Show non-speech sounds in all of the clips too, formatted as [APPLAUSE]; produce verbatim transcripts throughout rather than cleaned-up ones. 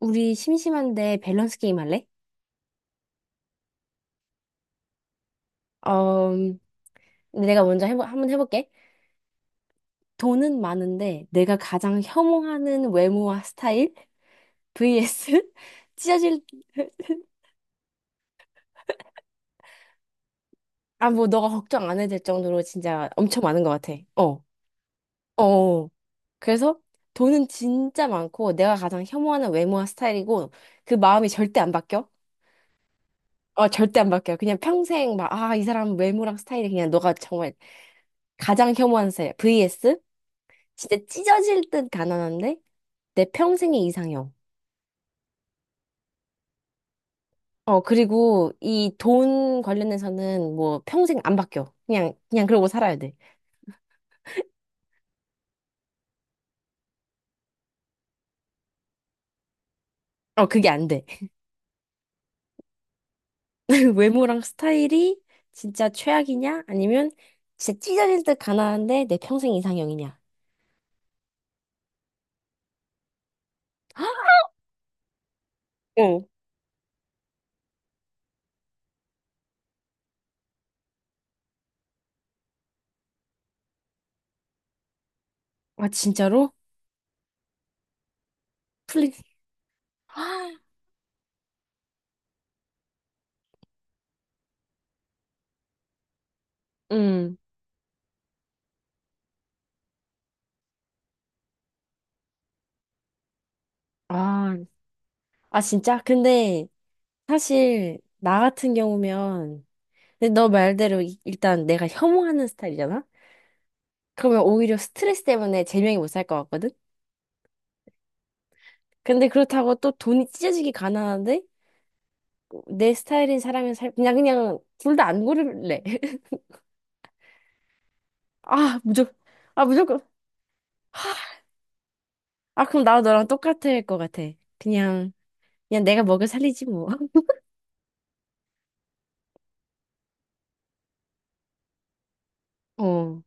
우리 심심한데 밸런스 게임 할래? 어, 내가 먼저 해보, 한번 해볼게. 돈은 많은데 내가 가장 혐오하는 외모와 스타일 버서스 [LAUGHS] 찢어질 아 뭐 너가 걱정 안 해도 될 정도로 진짜 엄청 많은 것 같아. 어, 어. 어. 그래서 돈은 진짜 많고 내가 가장 혐오하는 외모와 스타일이고 그 마음이 절대 안 바뀌어. 어, 절대 안 바뀌어. 그냥 평생 막, 아, 이 사람 외모랑 스타일이 그냥 너가 정말 가장 혐오하는 스타일. 버서스 진짜 찢어질 듯 가난한데 내 평생의 이상형. 어, 그리고 이 돈 관련해서는 뭐 평생 안 바뀌어. 그냥, 그냥 그러고 살아야 돼. 어, 그게 안 돼. [LAUGHS] 외모랑 스타일이 진짜 최악이냐? 아니면 진짜 찢어질 듯 가난한데 내 평생 이상형이냐? [GASPS] 어. 아, 진짜로? 플리. 아, [GASPS] 음. 아, 아, 진짜? 근데 사실 나 같은 경우면 근데 너 말대로 이- 일단 내가 혐오하는 스타일이잖아? 그러면 오히려 스트레스 때문에 제명이 못 살 것 같거든? 근데 그렇다고 또 돈이 찢어지게 가난한데 내 스타일인 사람은 살 그냥 그냥 둘 다 안 고를래. [LAUGHS] 아 무조건 아 무조건 아 그럼 나도 너랑 똑같을 것 같아. 그냥 그냥 내가 먹여 살리지 뭐. [LAUGHS] 어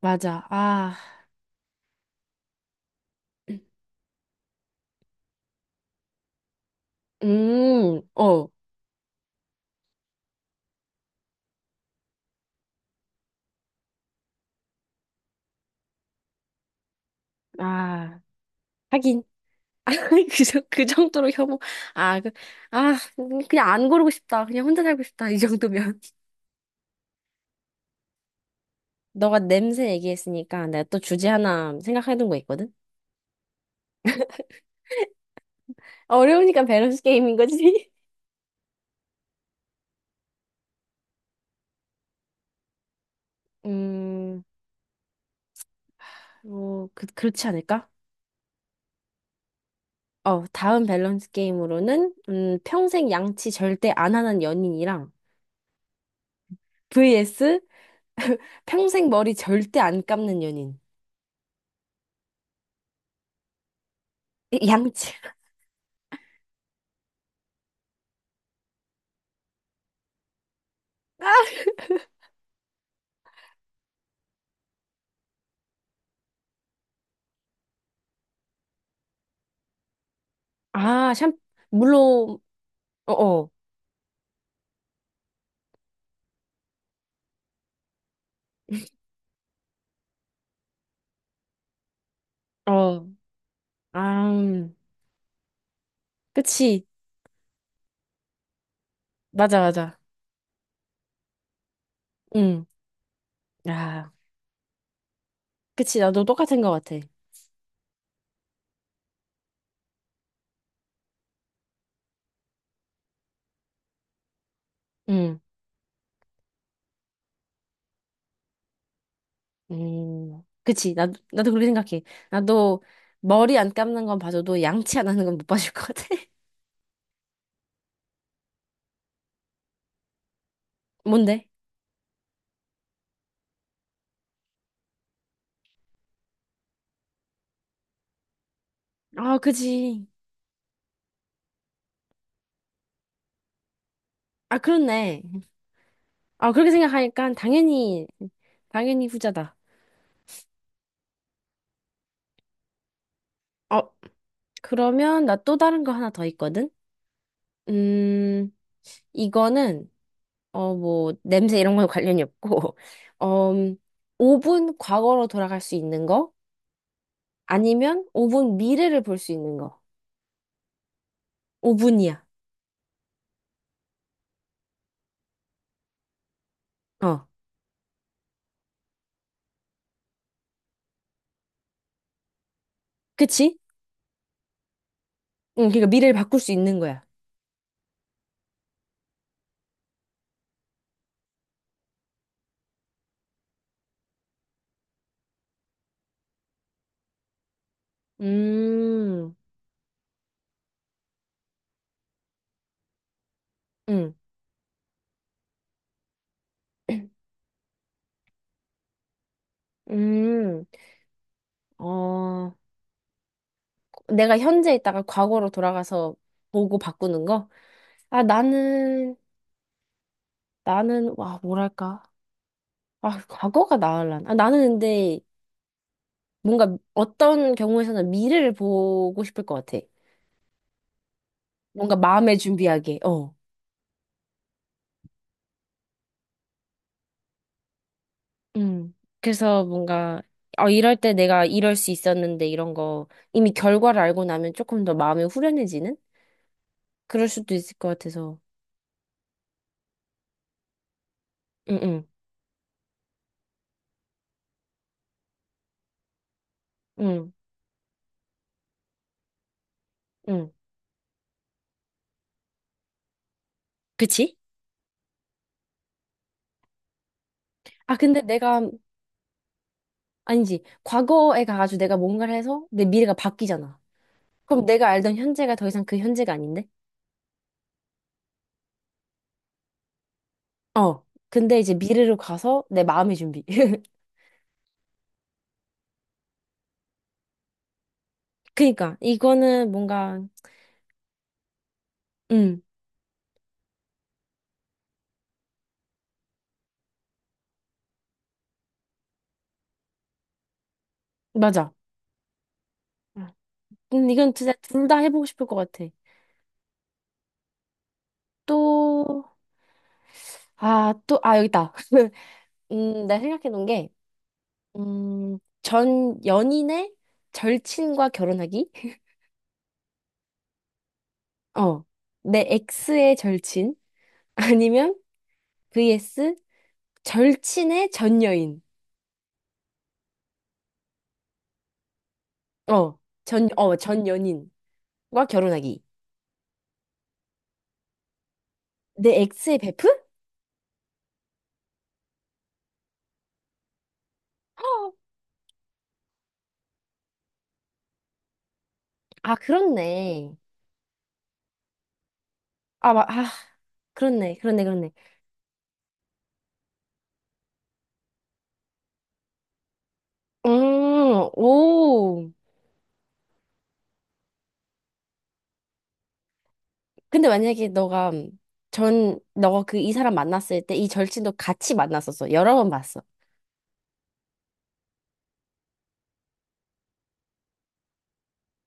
맞아. 아 음 어 아 하긴 [LAUGHS] 그, 정- 그 정도로 혐오 아그아 그냥 안 고르고 싶다. 그냥 혼자 살고 싶다 이 정도면. 너가 냄새 얘기했으니까 내가 또 주제 하나 생각해둔 거 있거든? 아, 어려우니까 밸런스 게임인 거지. [LAUGHS] 음, 뭐, 그, 그렇지 않을까? 어, 다음 밸런스 게임으로는, 음, 평생 양치 절대 안 하는 연인이랑, 버서스 [LAUGHS] 평생 머리 절대 안 감는 연인. 이- 양치. [LAUGHS] 아, 샴, 물론, 어, 어, 어. 아, 음. 그치. 맞아, 맞아. 응. 아, 그치. 나도 똑같은 거 같아. 응. 음, 그치. 나도, 나도 그렇게 생각해. 나도 머리 안 감는 건 봐줘도 양치 안 하는 건 못 봐줄 것 같아. [LAUGHS] 뭔데? 아, 그지. 아, 그렇네. 아, 그렇게 생각하니까 당연히, 당연히 후자다. 어, 그러면 나 또 다른 거 하나 더 있거든? 음, 이거는, 어, 뭐, 냄새 이런 건 관련이 없고, [LAUGHS] 어, 오 분 과거로 돌아갈 수 있는 거? 아니면 오 분 미래를 볼 수 있는 거? 오 분이야 어. 그치? 응, 그러니까 미래를 바꿀 수 있는 거야. 음, 응, 음, 어, 내가 현재 있다가 과거로 돌아가서 보고 바꾸는 거? 아, 나는, 나는, 와, 뭐랄까. 아, 과거가 나을란. 아, 나는 근데 뭔가 어떤 경우에서는 미래를 보고 싶을 것 같아. 뭔가 마음의 준비하게, 어. 음, 그래서 뭔가, 어, 이럴 때 내가 이럴 수 있었는데 이런 거 이미 결과를 알고 나면 조금 더 마음이 후련해지는? 그럴 수도 있을 것 같아서. 응, 응, 응. 응. 그치? 아, 근데 내가, 아니지. 과거에 가가지고 내가 뭔가를 해서 내 미래가 바뀌잖아. 그럼 내가 알던 현재가 더 이상 그 현재가 아닌데? 어. 근데 이제 미래로 가서 내 마음의 준비. [LAUGHS] 그니까, 이거는 뭔가, 응, 맞아. 음, 이건 진짜 둘 다 해보고 싶을 것 같아. 또, 아, 또, 아, 여기 있다. [LAUGHS] 음, 내가 생각해 놓은 게, 음, 전 연인의 절친과 결혼하기? 어. 내 X의 절친? 아니면 버서스 절친의 전 여인. 어, 전, 어, 전 연인과 결혼하기. 내 엑스의 베프? 헉! 아, 그렇네. 아, 마, 아, 그렇네. 그렇네. 그렇네. 음, 오. 근데 만약에 너가 전, 너가 그 이 사람 만났을 때 이 절친도 같이 만났었어. 여러 번 봤어.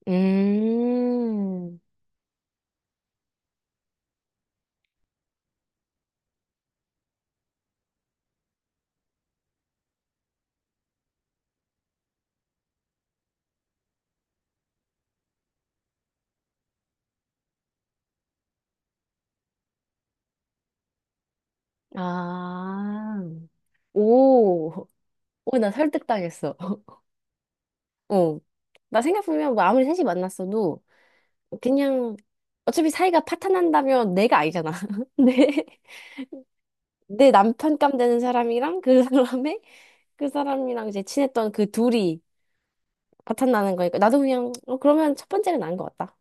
음, 아, 오. 오, 나 설득당했어. [LAUGHS] 어. 나 생각해보면 뭐 아무리 셋이 만났어도 그냥 어차피 사이가 파탄난다면 내가 알잖아. [LAUGHS] 내, 내 남편 감 되는 사람이랑 그 사람의 그 사람이랑 이제 친했던 그 둘이 파탄나는 거니까 나도 그냥 어, 그러면 첫 번째가 나은 것 같다.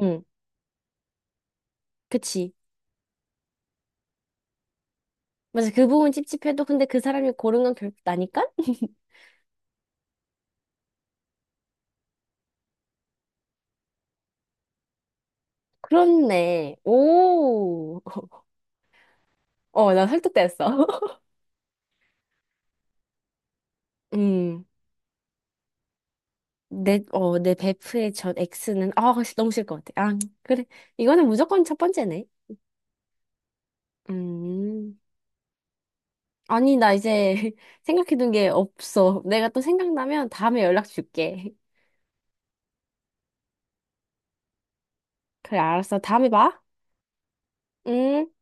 응, 그치. 맞아 그 부분 찝찝해도 근데 그 사람이 고른 건 결국 나니까? [LAUGHS] 그렇네. 오. 어, 나 설득됐어. [LAUGHS] 음. 내, 어, 내 베프의 전 X는, 아, 너무 싫을 것 같아. 아, 그래. 이거는 무조건 첫 번째네. 음. 아니, 나 이제 [LAUGHS] 생각해둔 게 없어. 내가 또 생각나면 다음에 연락 줄게. 그래, 알았어. 다음에 봐. 음.